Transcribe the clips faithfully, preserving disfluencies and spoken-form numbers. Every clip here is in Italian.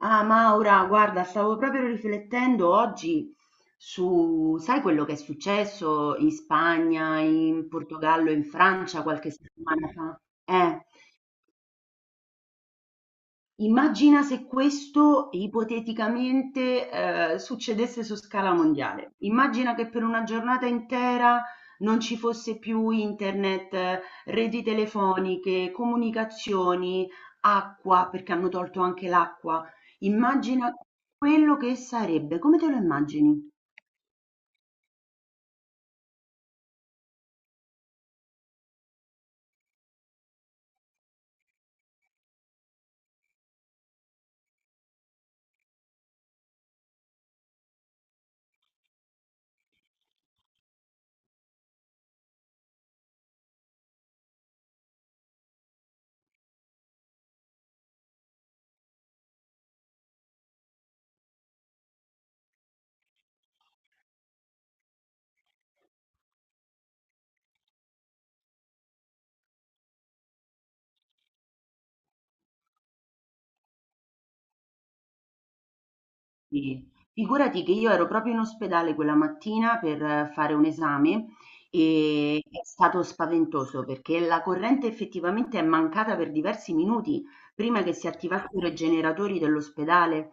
Ah, Maura, guarda, stavo proprio riflettendo oggi su, sai quello che è successo in Spagna, in Portogallo, in Francia qualche settimana fa? Eh. Immagina se questo ipoteticamente, ehm, succedesse su scala mondiale. Immagina che per una giornata intera non ci fosse più internet, reti telefoniche, comunicazioni, acqua, perché hanno tolto anche l'acqua. Immagina quello che sarebbe. Come te lo immagini? Sì, figurati che io ero proprio in ospedale quella mattina per eh, fare un esame e è stato spaventoso perché la corrente effettivamente è mancata per diversi minuti prima che si attivassero i generatori dell'ospedale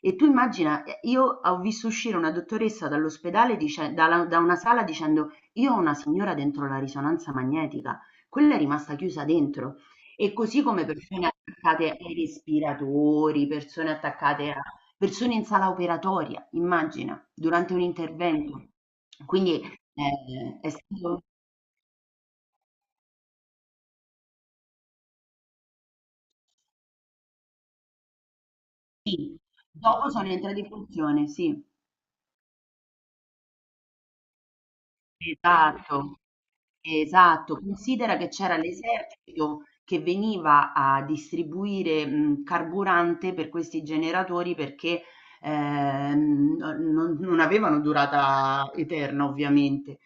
e tu immagina, eh, io ho visto uscire una dottoressa dall'ospedale dice- dalla- da una sala dicendo io ho una signora dentro la risonanza magnetica, quella è rimasta chiusa dentro. E così come persone attaccate ai respiratori, persone attaccate a persone in sala operatoria, immagina, durante un intervento. Quindi eh, è stato sì. Dopo sono entrate in funzione, sì, esatto. Esatto, considera che c'era l'esercito che veniva a distribuire, mhmm, carburante per questi generatori perché, ehm, n non non avevano durata eterna ovviamente.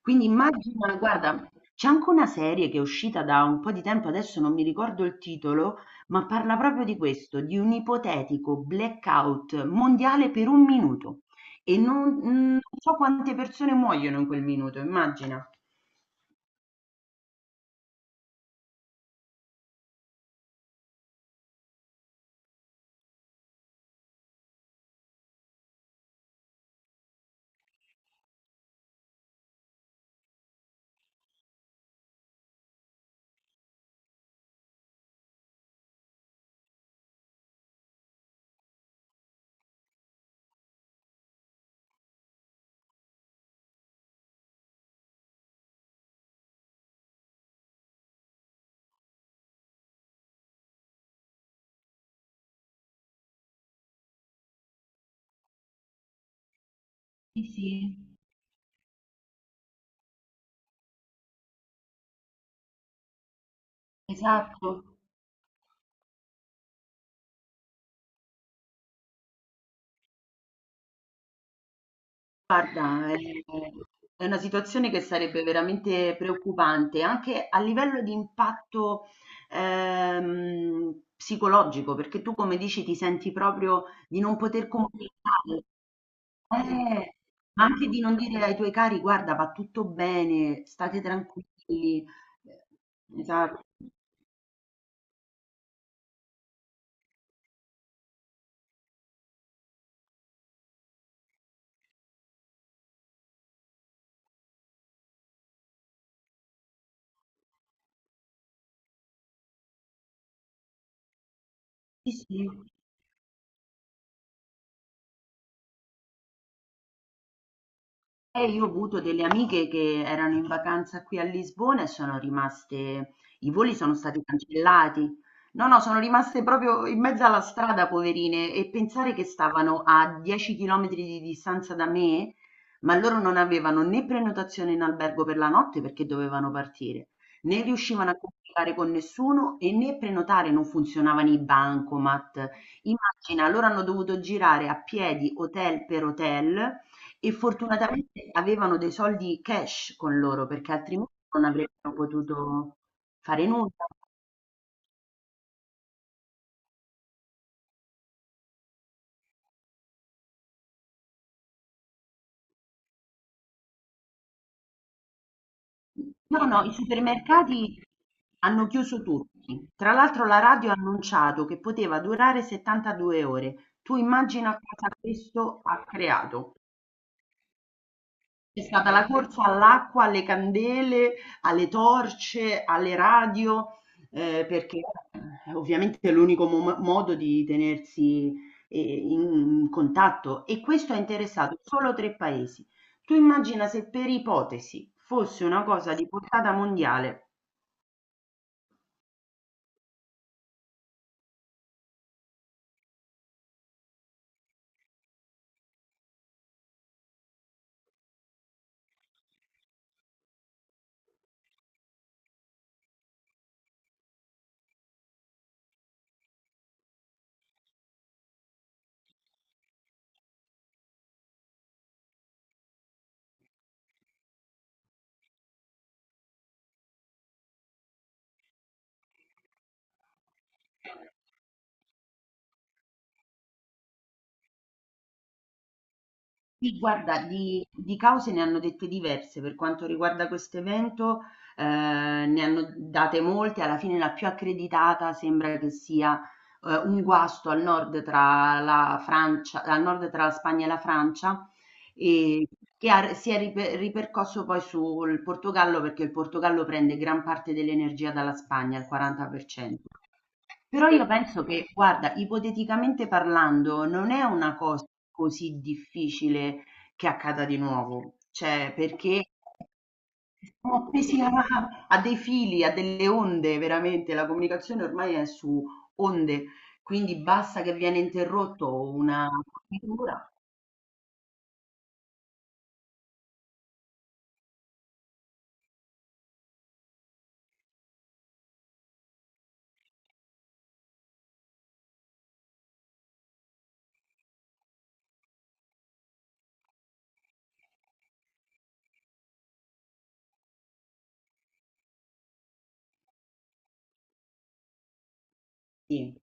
Quindi immagina guarda, c'è anche una serie che è uscita da un po' di tempo, adesso non mi ricordo il titolo, ma parla proprio di questo, di un ipotetico blackout mondiale per un minuto e non non so quante persone muoiono in quel minuto, immagina. Sì, sì, esatto. Guarda, è è una situazione che sarebbe veramente preoccupante anche a livello di impatto ehm, psicologico, perché tu, come dici, ti senti proprio di non poter comunicare. Eh, ma anche di non dire ai tuoi cari, guarda, va tutto bene, state tranquilli. Eh, Esatto. Sì, sì. Eh, io ho avuto delle amiche che erano in vacanza qui a Lisbona e sono rimaste i voli sono stati cancellati. No, no, sono rimaste proprio in mezzo alla strada, poverine, e pensare che stavano a dieci chilometri di distanza da me, ma loro non avevano né prenotazione in albergo per la notte perché dovevano partire, né riuscivano a comunicare con nessuno e né prenotare, non funzionavano i bancomat. Immagina, loro hanno dovuto girare a piedi hotel per hotel e fortunatamente avevano dei soldi cash con loro, perché altrimenti non avrebbero potuto fare nulla. No, no, i supermercati hanno chiuso tutti. Tra l'altro la radio ha annunciato che poteva durare settantadue ore. Tu immagina cosa questo ha creato. C'è stata la corsa all'acqua, alle candele, alle torce, alle radio, ehm, perché eh, ovviamente è l'unico mom modo di tenersi, ehm, in contatto e questo ha interessato solo tre paesi. Tu immagina se per ipotesi fosse una cosa di portata mondiale. Sì, guarda, di, di cause ne hanno dette diverse per quanto riguarda questo evento, eh, ne hanno date molte, alla fine la più accreditata sembra che sia eh, un guasto al nord tra la Francia, al nord tra la Spagna e la Francia, e che ha si è ripe ripercosso poi sul Portogallo, perché il Portogallo prende gran parte dell'energia dalla Spagna, il quaranta per cento. Però io penso che, guarda, ipoteticamente parlando, non è una cosa così difficile che accada di nuovo, cioè perché siamo appesi a, a dei fili, a delle onde, veramente, la comunicazione ormai è su onde, quindi basta che viene interrotto una figura, sì.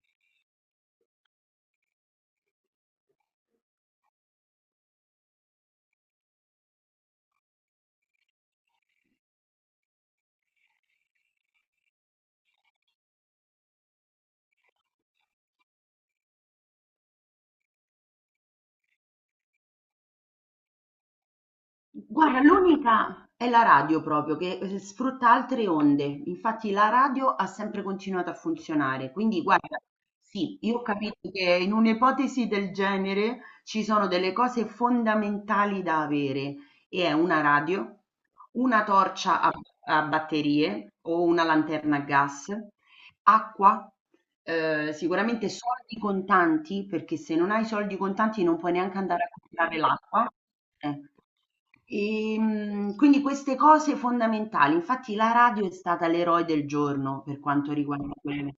Guarda, l'unica è la radio proprio, che eh, sfrutta altre onde. Infatti la radio ha sempre continuato a funzionare. Quindi, guarda, sì, io ho capito che in un'ipotesi del genere ci sono delle cose fondamentali da avere, e è una radio, una torcia a, a batterie o una lanterna a gas, acqua, ehm, sicuramente soldi contanti, perché se non hai soldi contanti non puoi neanche andare a comprare l'acqua. Eh. Ehm, quindi queste cose fondamentali. Infatti la radio è stata l'eroe del giorno per quanto riguarda quelle.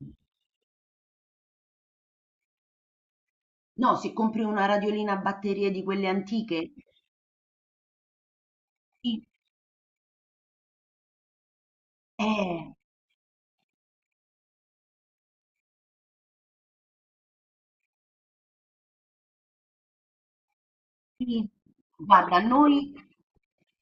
No, se compri una radiolina a batterie di quelle antiche, sì, eh. Sì. Guarda, noi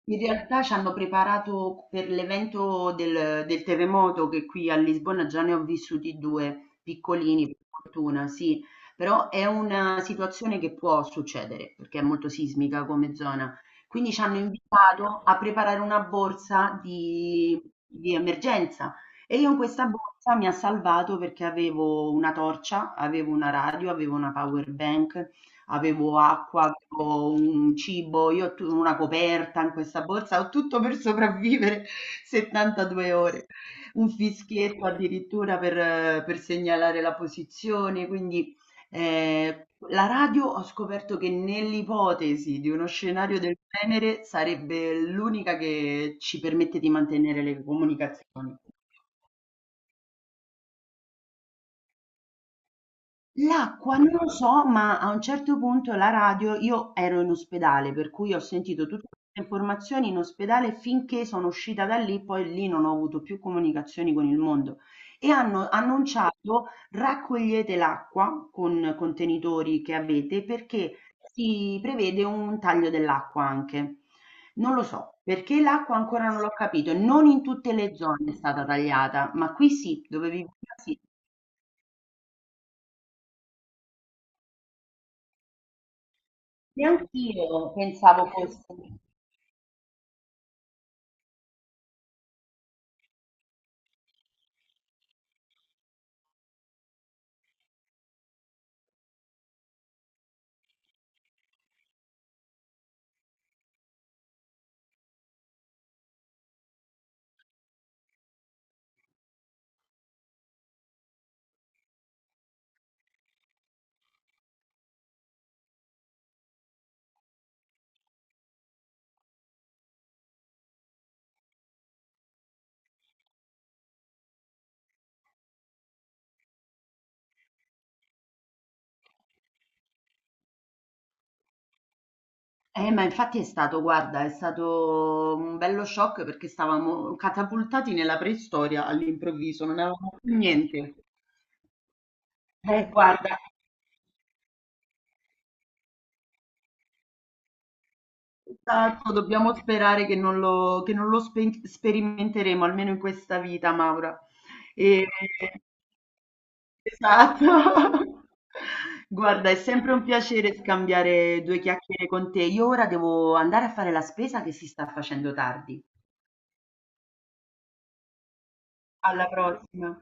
in realtà ci hanno preparato per l'evento del, del terremoto che qui a Lisbona già ne ho vissuti due piccolini, per fortuna, sì, però è una situazione che può succedere perché è molto sismica come zona. Quindi ci hanno invitato a preparare una borsa di, di emergenza e io in questa borsa mi ha salvato perché avevo una torcia, avevo una radio, avevo una power bank, avevo acqua, avevo un cibo, io tu una coperta in questa borsa, ho tutto per sopravvivere settantadue ore, un fischietto addirittura per, eh, per segnalare la posizione, quindi eh, la radio ho scoperto che nell'ipotesi di uno scenario del genere sarebbe l'unica che ci permette di mantenere le comunicazioni. L'acqua non lo so, ma a un certo punto la radio io ero in ospedale, per cui ho sentito tutte queste informazioni in ospedale finché sono uscita da lì, poi lì non ho avuto più comunicazioni con il mondo. E hanno annunciato raccogliete l'acqua con contenitori che avete perché si prevede un taglio dell'acqua anche. Non lo so, perché l'acqua ancora non l'ho capito, non in tutte le zone è stata tagliata, ma qui sì, dove vivo io sì. Neanch'io pensavo fosse eh, ma infatti è stato, guarda, è stato un bello shock perché stavamo catapultati nella preistoria all'improvviso, non avevamo più niente. Eh, guarda, esatto, dobbiamo sperare che non lo, che non lo spe- sperimenteremo, almeno in questa vita, Maura. E- esatto. Guarda, è sempre un piacere scambiare due chiacchiere con te. Io ora devo andare a fare la spesa che si sta facendo tardi. Alla prossima.